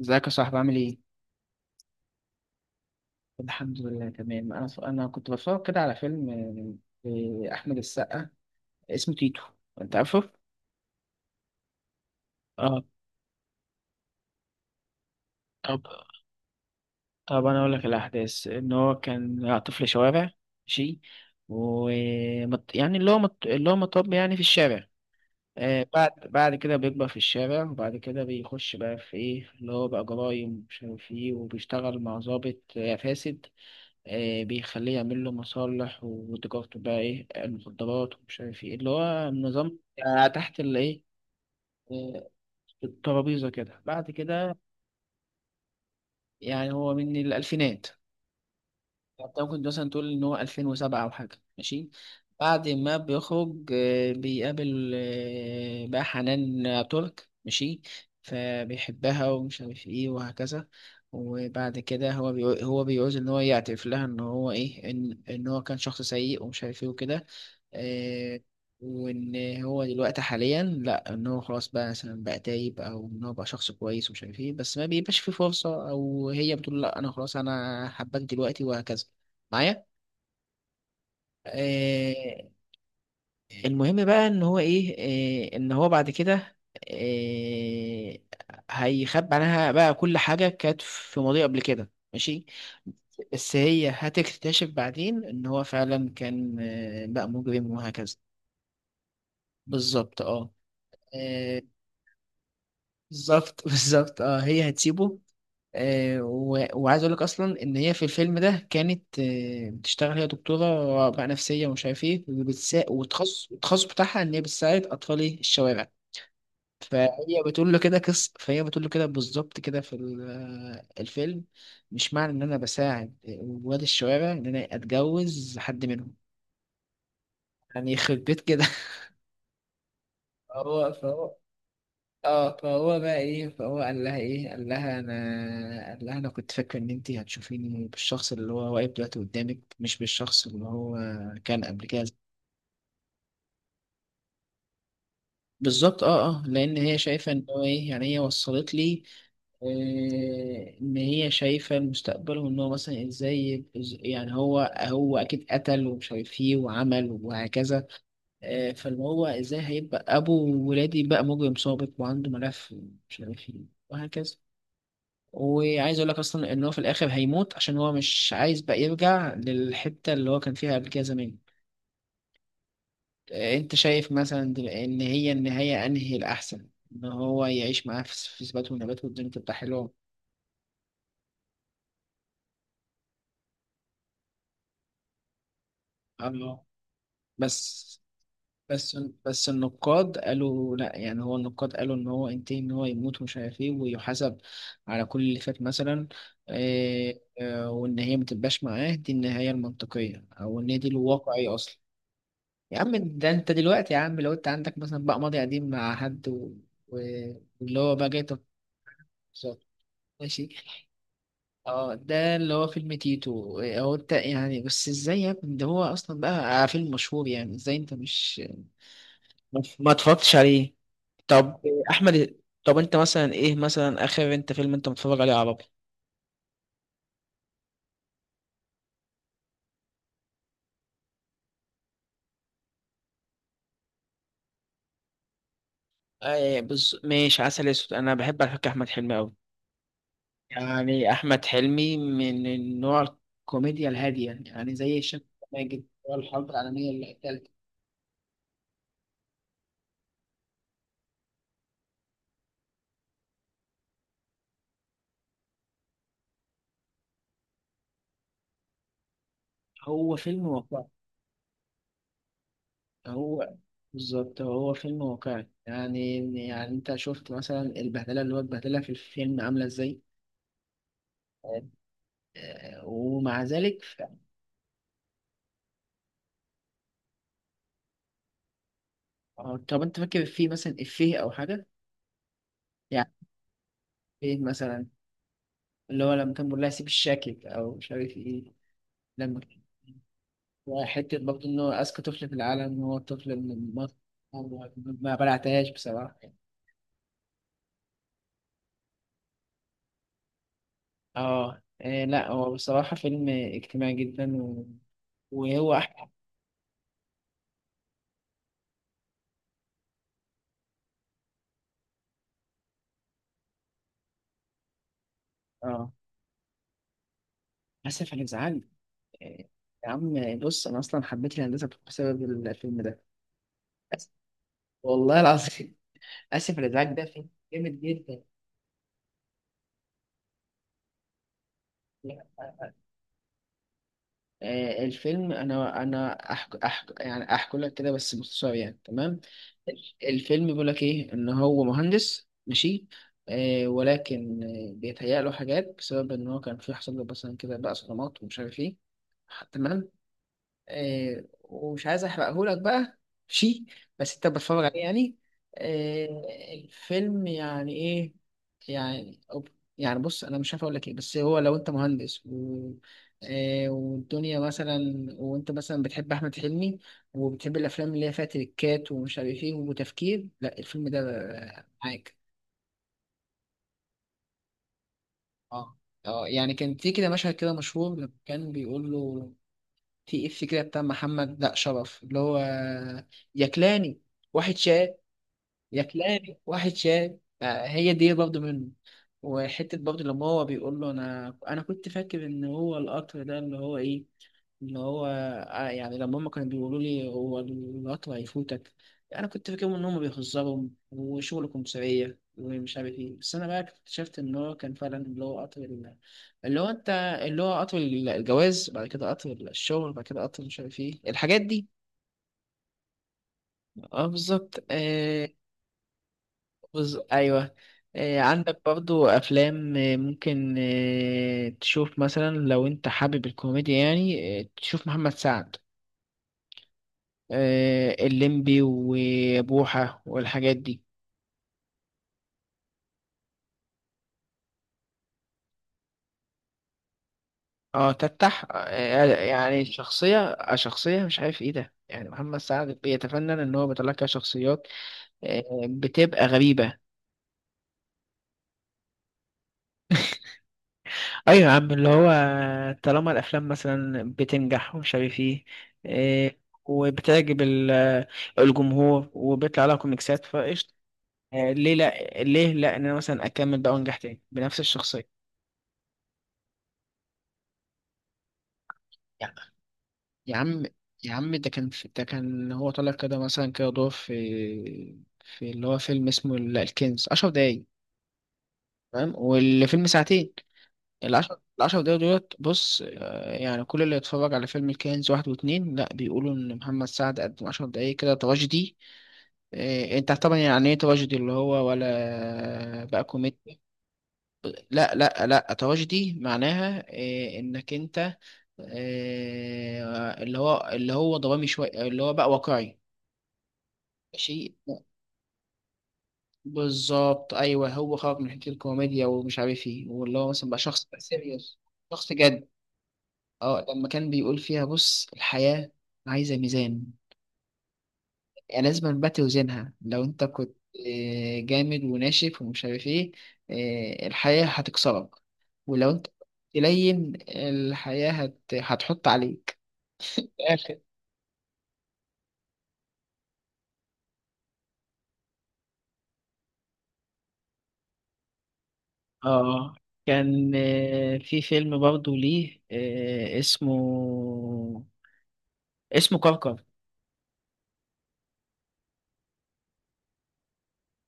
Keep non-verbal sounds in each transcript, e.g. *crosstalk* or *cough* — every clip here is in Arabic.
ازيك يا صاحبي عامل ايه؟ الحمد لله تمام انا كنت بتفرج كده على فيلم لاحمد السقا اسمه تيتو، انت عارفه؟ اه. طب طب انا اقول لك الاحداث ان هو كان طفل شوارع، ماشي، و مت- يعني اللي هو مت... اللي هو مطب يعني في الشارع. آه، بعد كده بيكبر في الشارع، وبعد كده بيخش بقى في ايه، اللي هو بقى جرايم ومش عارف ايه، وبيشتغل مع ضابط فاسد. بيخليه يعمل له مصالح وتجارته بقى ايه، المخدرات ومش عارف ايه، اللي هو النظام تحت الايه آه، الترابيزة كده بعد كده. يعني هو من الألفينات، انت ممكن مثلا تقول إن هو 2007 أو حاجة، ماشي. بعد ما بيخرج بيقابل بقى حنان ترك، ماشي، فبيحبها ومش عارف ايه وهكذا. وبعد كده هو بيقول هو بيعوز ان هو يعترف لها ان هو ايه، ان هو كان شخص سيء ومش عارف ايه وكده. آه، وان هو دلوقتي حاليا، لا، ان هو خلاص بقى مثلا بقى تايب، او ان هو بقى شخص كويس ومش عارف ايه، بس ما بيبقاش في فرصه، او هي بتقول لا انا خلاص انا حباك دلوقتي وهكذا معايا. آه، المهم بقى ان هو ايه، ان هو بعد كده آه، هيخبي عنها بقى كل حاجه كانت في ماضيه قبل كده، ماشي. بس هي هتكتشف بعدين ان هو فعلا كان بقى مجرم وهكذا. بالظبط، اه. آه، بالظبط *laughs* بالظبط، اه، هي هتسيبه. وعايز اقول لك اصلا ان هي في الفيلم ده كانت بتشتغل، هي دكتوره بقى نفسيه ومش عارف ايه، والتخصص التخصص بتاعها ان هي بتساعد اطفال الشوارع. فهي بتقول له كده قصه، فهي بتقول له كده بالظبط كده في ال- آه، الفيلم، مش معنى ان انا بساعد ولاد الشوارع ان انا اتجوز حد منهم. يعني *laughs* يخرب بيت كده *laughs* هو فهو اه فهو بقى ايه، فهو قال لها ايه، قال لها انا كنت فاكر ان انت هتشوفيني بالشخص اللي هو واقف دلوقتي قدامك، مش بالشخص اللي هو كان قبل كده. بالظبط، اه اه، لان هي شايفه ان هو ايه، يعني هي وصلت لي. آه، ان هي شايفه المستقبل، وان هو مثلا ازاي، هو اكيد قتل ومش عارف ايه وعمل وهكذا. آه، فاللي هو ازاي هيبقى ابو ولادي بقى مجرم سابق وعنده ملف ومش عارف ايه وهكذا. وعايز اقول لك اصلا ان هو في الاخر هيموت عشان هو مش عايز بقى يرجع للحته اللي هو كان فيها قبل كده زمان. انت شايف مثلا ان هي النهايه انهي الاحسن؟ ان هو يعيش معاه في ثبات ونبات والدنيا تبقى حلوه. الله. بس بس بس النقاد قالوا لا. يعني هو النقاد قالوا ان هو انتهى ان هو يموت ومش عارف ايه ويحاسب على كل اللي فات مثلا. وان هي ما تبقاش معاه، دي النهايه المنطقيه، او ان هي دي الواقعيه اصلا. يا عم، ده انت دلوقتي يا عم لو انت عندك مثلا بقى ماضي قديم مع حد و... واللي هو بقى جاي، تنصات، ماشي. اه، ده اللي هو فيلم تيتو. اه، هو انت يعني بس ازاي يا ابني؟ ده هو اصلا بقى فيلم مشهور، يعني ازاي انت مش ما اتفرجتش عليه؟ طب احمد، طب انت مثلا ايه مثلا اخر انت فيلم انت متفرج عليه عربي؟ آه ماشي، عسل اسود، انا بحب على فكره احمد حلمي قوي. يعني أحمد حلمي من النوع الكوميديا الهادية، يعني يعني زي الشيخ ماجد، هو الحرب العالمية الثالثة. هو فيلم واقعي. هو بالظبط هو فيلم واقعي يعني. يعني أنت شفت مثلا البهدلة اللي هو اتبهدلها في الفيلم عاملة إزاي. آه، ومع ذلك ف... آه، طب أنت فاكر فيه مثلا إفيه أو حاجة يعني؟ إيه مثلا؟ اللي هو لما كان بيقول لها سيب الشاكك أو مش عارف إيه لما. وحتة برضه إنه أذكى طفل في العالم هو الطفل اللي ما بلعتهاش بصراحة. اه إيه، لا هو بصراحة فيلم اجتماعي جدا وهو أحلى. اه، آسف على الإزعاج. إيه، يا عم بص، أنا أصلا حبيت الهندسة بسبب الفيلم ده. آسف. والله العظيم *laughs* آسف على الإزعاج ده فيلم جامد جدا. الفيلم، يعني احكي لك كده بس باختصار يعني، تمام. الفيلم بيقول لك ايه، ان هو مهندس، ماشي. آه، ولكن بيتهيأ له حاجات بسبب ان هو كان في، حصل له مثلا كده بقى صدمات ومش عارف ايه، تمام. ومش عايز احرقهولك بقى شي، بس انت بتتفرج عليه يعني. آه، الفيلم يعني ايه، يعني يعني بص انا مش عارف اقول لك ايه، بس هو لو انت مهندس و... آه، والدنيا مثلا، وانت مثلا بتحب احمد حلمي، وبتحب الافلام اللي هي فيها تريكات ومش عارف ايه وتفكير، لا الفيلم ده معاك. اه اه، يعني كان في كده مشهد كده مشهور لما كان بيقول له في إف كده بتاع محمد لا شرف اللي هو يا كلاني واحد شاي. يا كلاري واحد شاي، هي دي برضه منه. وحتة برضه لما هو بيقول له أنا كنت فاكر إن هو القطر ده اللي هو إيه، اللي هو يعني لما هما كانوا بيقولوا لي هو القطر هيفوتك، أنا كنت فاكرهم إن هما بيهزروا وشغل كمثرية ومش عارف إيه، بس أنا بقى اكتشفت إن هو كان فعلا اللي هو قطر ال- اللي هو أنت اللي هو قطر الجواز، بعد كده قطر الشغل، بعد كده قطر مش عارف إيه الحاجات دي. أه بالظبط. بص ايوه. عندك برضو افلام ممكن تشوف مثلا لو انت حابب الكوميديا، يعني تشوف محمد سعد، الليمبي وبوحة والحاجات دي. اه تفتح، يعني شخصية، شخصية مش عارف ايه ده، يعني محمد سعد بيتفنن ان هو بيطلع لك شخصيات بتبقى غريبة. ايوه يا عم، اللي هو طالما الافلام مثلا بتنجح ومش عارف ايه. إيه، وبتعجب الجمهور، وبيطلع لها كوميكسات فقشطه، ليه لا؟ ليه لا ان انا مثلا اكمل بقى وانجح تاني بنفس الشخصيه. يا يا عم، يا عم ده كان في، ده كان هو طالع كده مثلا كده دور في، في اللي هو فيلم اسمه الكنز، 10 دقايق فاهم والفيلم ساعتين. العشر دقايق دولت، بص يعني كل اللي يتفرج على فيلم الكنز واحد واتنين لا بيقولوا ان محمد سعد قدم عشر دقايق كده تراجيدي. انت طبعا يعني ايه تراجيدي؟ اللي هو ولا بقى كوميدي؟ لا تراجيدي معناها آه، انك انت آه، اللي هو اللي هو درامي شويه، اللي هو بقى واقعي. شيء بالظبط، ايوه، هو خرج من حته الكوميديا ومش عارف ايه، واللي هو مثلا بقى شخص بقى سيريوس، شخص جد. اه لما كان بيقول فيها بص الحياة عايزة ميزان، يعني لازم بقى توزنها، لو انت كنت جامد وناشف ومش عارف ايه الحياة هتكسرك، ولو انت تلين الحياة هتحط عليك. آخر، اه، كان في فيلم برضه ليه اسمه، اسمه كركر.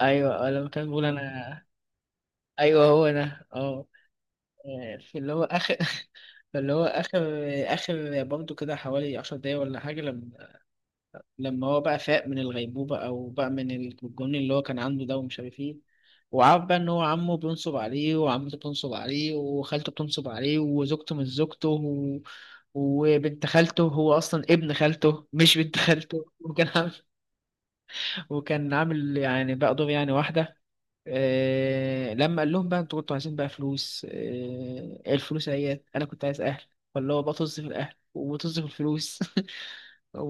ايوه، لما كان بيقول انا، ايوه هو انا اه، في اللي هو اخر *laughs* في اللي هو اخر اخر برضه كده حوالي عشر دقايق ولا حاجه، لما لما هو بقى فاق من الغيبوبه او بقى من الجنون اللي هو كان عنده ده ومش عارف ايه، وعارف بقى ان هو عمه بينصب عليه، وعمته بتنصب عليه، وخالته بتنصب عليه، وزوجته مش زوجته و... وبنت خالته، هو اصلا ابن خالته مش بنت خالته *laughs* وكان عامل، وكان عامل يعني بقى دور يعني واحدة. آه، لما قال لهم بقى انتوا كنتوا عايزين بقى فلوس، آه، إيه الفلوس اهيت، انا كنت عايز اهل، فاللي هو بقى طز في الاهل وطز في الفلوس *laughs* و-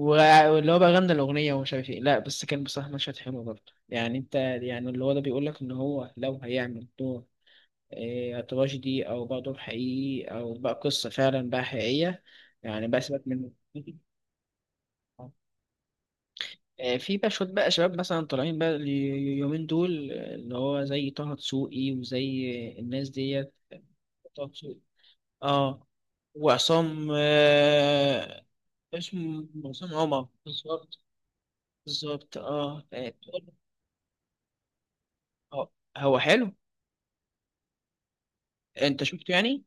واللي هو بقى غنى الاغنيه ومش عارف ايه. لا بس كان بصراحه مشهد حلو برضه يعني انت، يعني اللي هو ده بيقول لك ان هو لو هيعمل دور آه تراجيدي او بقى دور حقيقي او بقى قصه فعلا بقى حقيقيه، يعني بقى سيبك من. في بقى شوية بقى شباب مثلا طالعين بقى اليومين دول اللي هو زي طه دسوقي وزي الناس ديت. طه دسوقي، اه، وعصام، آه اسمه عصام عمر، بالظبط، بالظبط اه. هو هو حلو. انت شفته يعني؟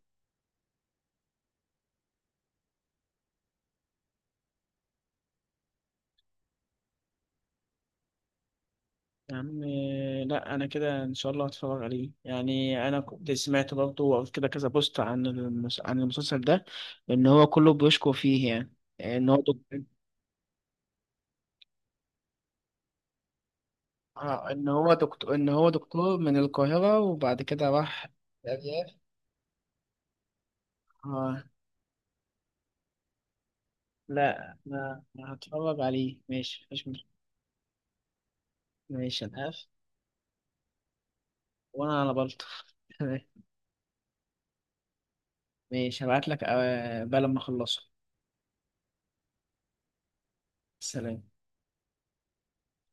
يا عم، لا انا كده ان شاء الله هتفرج عليه. يعني انا كنت سمعت برضه وقريت كده كذا بوست عن عن المسلسل ده ان هو كله بيشكو فيه، يعني ان هو اه، ان هو دكتور، ان هو دكتور من القاهرة وبعد كده راح الأرياف. اه لا انا، أنا هتفرج عليه ماشي، مفيش مشكلة. ماشي انا قاف، وانا على بلطف *laughs* تمام. ماشي هبعت لك بقى لما اخلصه. سلام.